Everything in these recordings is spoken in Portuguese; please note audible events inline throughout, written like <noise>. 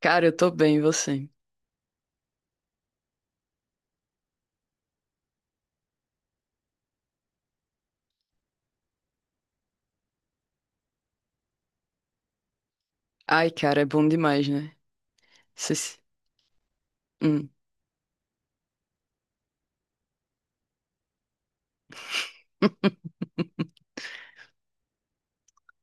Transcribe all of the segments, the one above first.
Cara, eu tô bem, e você? Ai, cara, é bom demais, né? Cê se- Hum.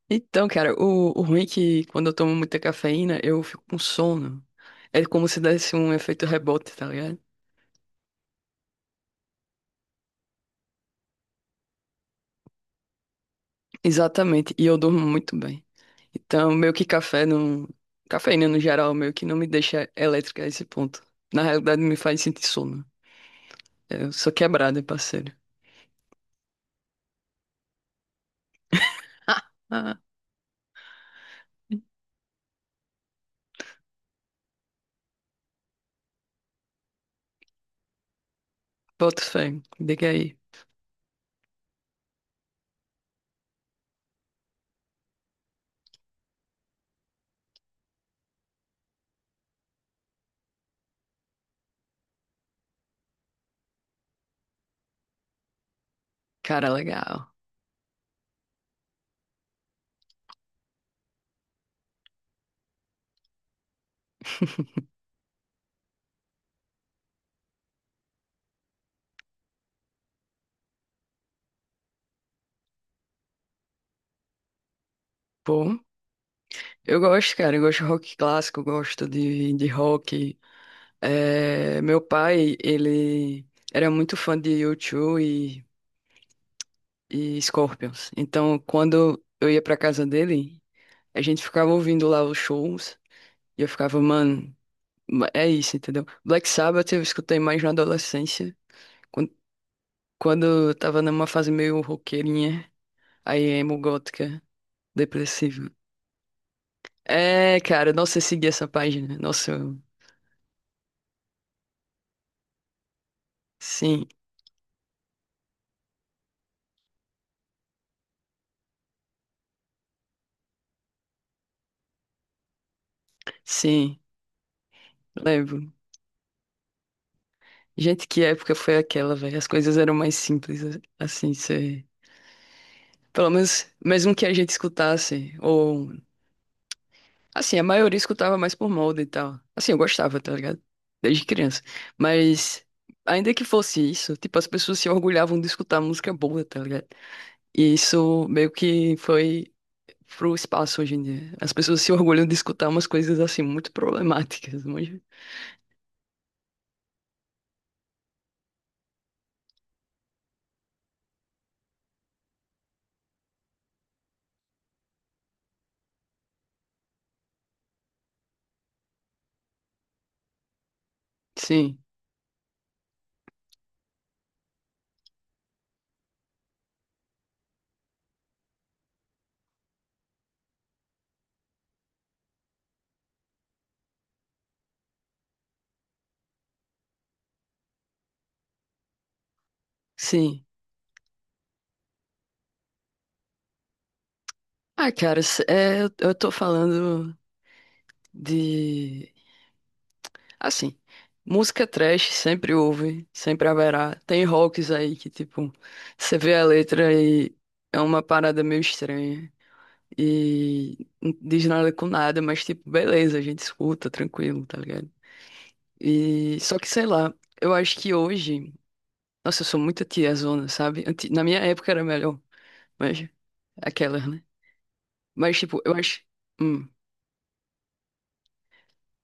Então, cara, o ruim é que quando eu tomo muita cafeína, eu fico com sono. É como se desse um efeito rebote, tá ligado? Exatamente, e eu durmo muito bem. Então, meio que café não. Cafeína no geral, meio que não me deixa elétrica a esse ponto. Na realidade, me faz sentir sono. Eu sou quebrada, parceiro. <laughs> Boto fé, diga aí. Cara, legal. <laughs> Pô. Eu gosto, cara, eu gosto de rock clássico, eu gosto de rock. É, meu pai, ele era muito fã de U2 e, Scorpions. Então, quando eu ia pra casa dele, a gente ficava ouvindo lá os shows e eu ficava, mano, ma- é isso, entendeu? Black Sabbath eu escutei mais na adolescência, quan- quando, eu tava numa fase meio roqueirinha, aí emo gótica, depressiva. É, cara, nossa, eu segui essa página. Nossa, eu- sim. Sim, lembro. Gente, que época foi aquela, velho? As coisas eram mais simples, assim, cê... Pelo menos, mesmo que a gente escutasse, ou... Assim, a maioria escutava mais por moda e tal. Assim, eu gostava, tá ligado? Desde criança. Mas, ainda que fosse isso, tipo, as pessoas se orgulhavam de escutar música boa, tá ligado? E isso meio que foi pro espaço hoje em dia. As pessoas se orgulham de escutar umas coisas, assim, muito problemáticas, manja. Sim, sim. Ah, cara, cê- é, eu tô falando... De. Assim, música trash sempre houve, sempre haverá. Tem rocks aí que, tipo, você vê a letra e é uma parada meio estranha. E não diz nada com nada, mas, tipo, beleza, a gente escuta, tranquilo, tá ligado? E só que, sei lá, eu acho que hoje. Nossa, eu sou muito tiazona, sabe? Anti- Na minha época era melhor, mas aquelas, né? Mas, tipo, eu acho. hum,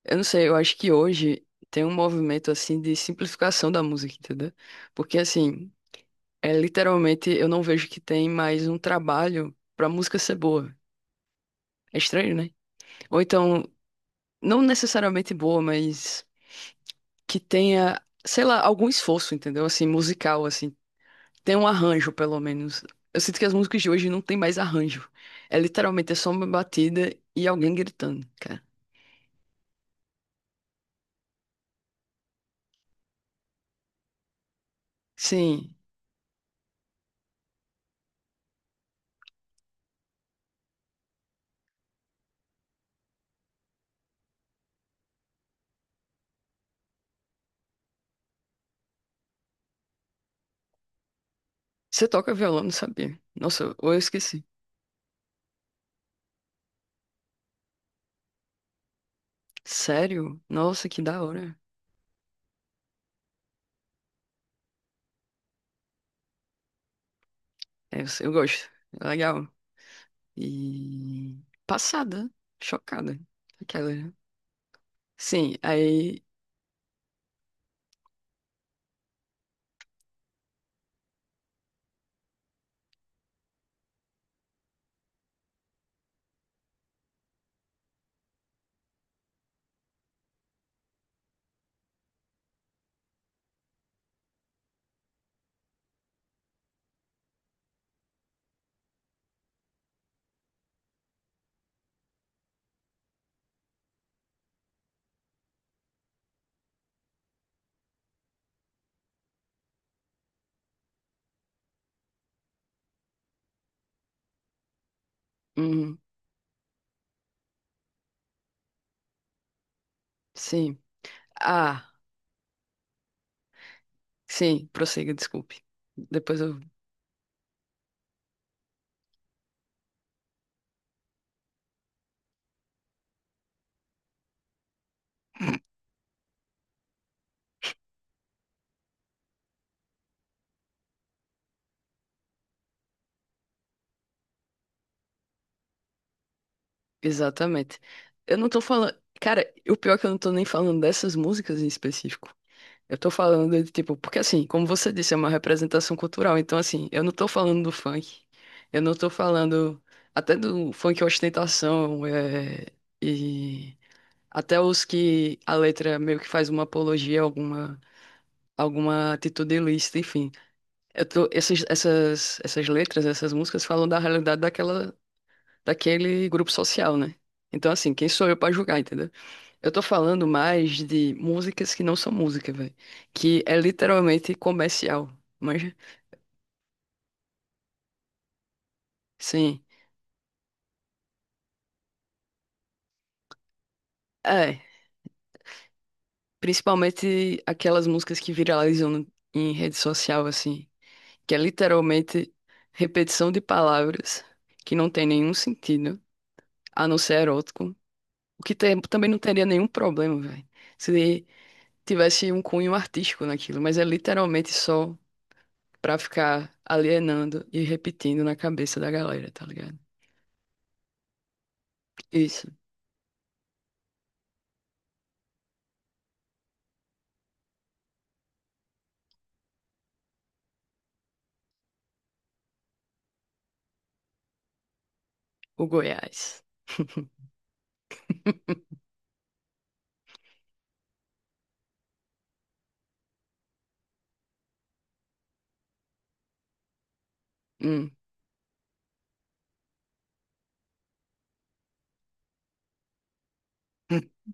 Eu não sei, eu acho que hoje tem um movimento assim de simplificação da música, entendeu? Porque assim, é literalmente eu não vejo que tem mais um trabalho pra música ser boa. É estranho, né? Ou então, não necessariamente boa, mas que tenha, sei lá, algum esforço, entendeu? Assim, musical, assim, tem um arranjo, pelo menos. Eu sinto que as músicas de hoje não tem mais arranjo. É literalmente é só uma batida e alguém gritando, cara. Sim. Você toca violão, não sabia. Nossa, ou eu esqueci. Sério? Nossa, que da hora. É, eu gosto. É legal. E passada, chocada. Aquela. Né? Sim, aí. Uhum, sim. Ah, sim, prossiga, desculpe. Depois eu. Exatamente. Eu não tô falando. Cara, o pior é que eu não tô nem falando dessas músicas em específico. Eu tô falando de tipo, porque assim, como você disse, é uma representação cultural. Então, assim, eu não tô falando do funk. Eu não tô falando até do funk ostentação, é, e até os que a letra meio que faz uma apologia, alguma, alguma atitude ilícita, enfim. Eu tô, essas letras, essas músicas falam da realidade daquela, daquele grupo social, né? Então, assim, quem sou eu pra julgar, entendeu? Eu tô falando mais de músicas que não são música, velho. Que é literalmente comercial. Mas, sim. É. Principalmente aquelas músicas que viralizam no- em rede social, assim. Que é literalmente repetição de palavras que não tem nenhum sentido, a não ser erótico. O que tem- também não teria nenhum problema, velho. Se tivesse um cunho artístico naquilo. Mas é literalmente só pra ficar alienando e repetindo na cabeça da galera, tá ligado? Isso. O Goiás. <laughs> Hum,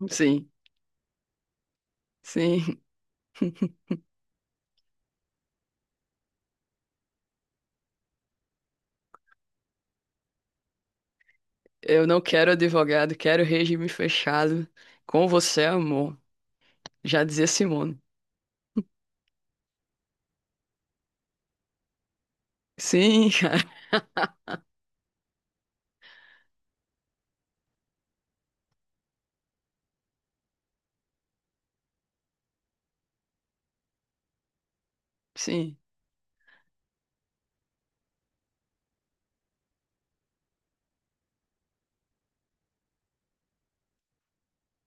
sim, sim. Eu não quero advogado, quero regime fechado. Com você, amor. Já dizia Simone. Sim, <laughs> cara, sim.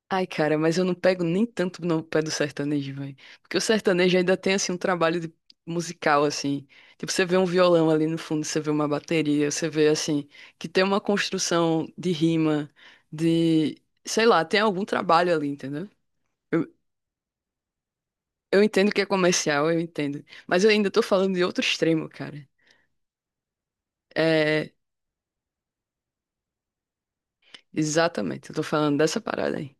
Ai, cara, mas eu não pego nem tanto no pé do sertanejo, velho. Porque o sertanejo ainda tem, assim, um trabalho de- musical, assim. Tipo, você vê um violão ali no fundo, você vê uma bateria, você vê, assim, que tem uma construção de rima, de... Sei lá, tem algum trabalho ali, entendeu? Eu entendo que é comercial, eu entendo. Mas eu ainda tô falando de outro extremo, cara. É, exatamente, eu tô falando dessa parada aí.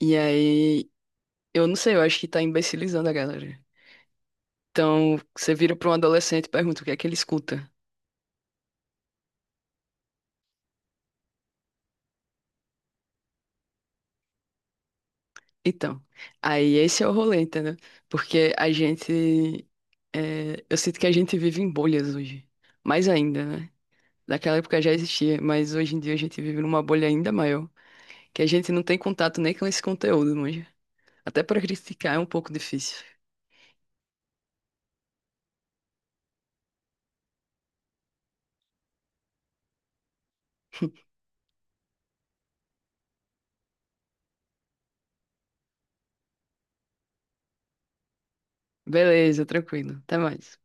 E aí, eu não sei, eu acho que tá imbecilizando a galera. Então, você vira pra um adolescente e pergunta o que é que ele escuta. Então, aí esse é o rolê, entendeu? Porque a gente. É, eu sinto que a gente vive em bolhas hoje. Mais ainda, né? Naquela época já existia, mas hoje em dia a gente vive numa bolha ainda maior, que a gente não tem contato nem com esse conteúdo, manja. Até para criticar é um pouco difícil. Beleza, tranquilo. Até mais.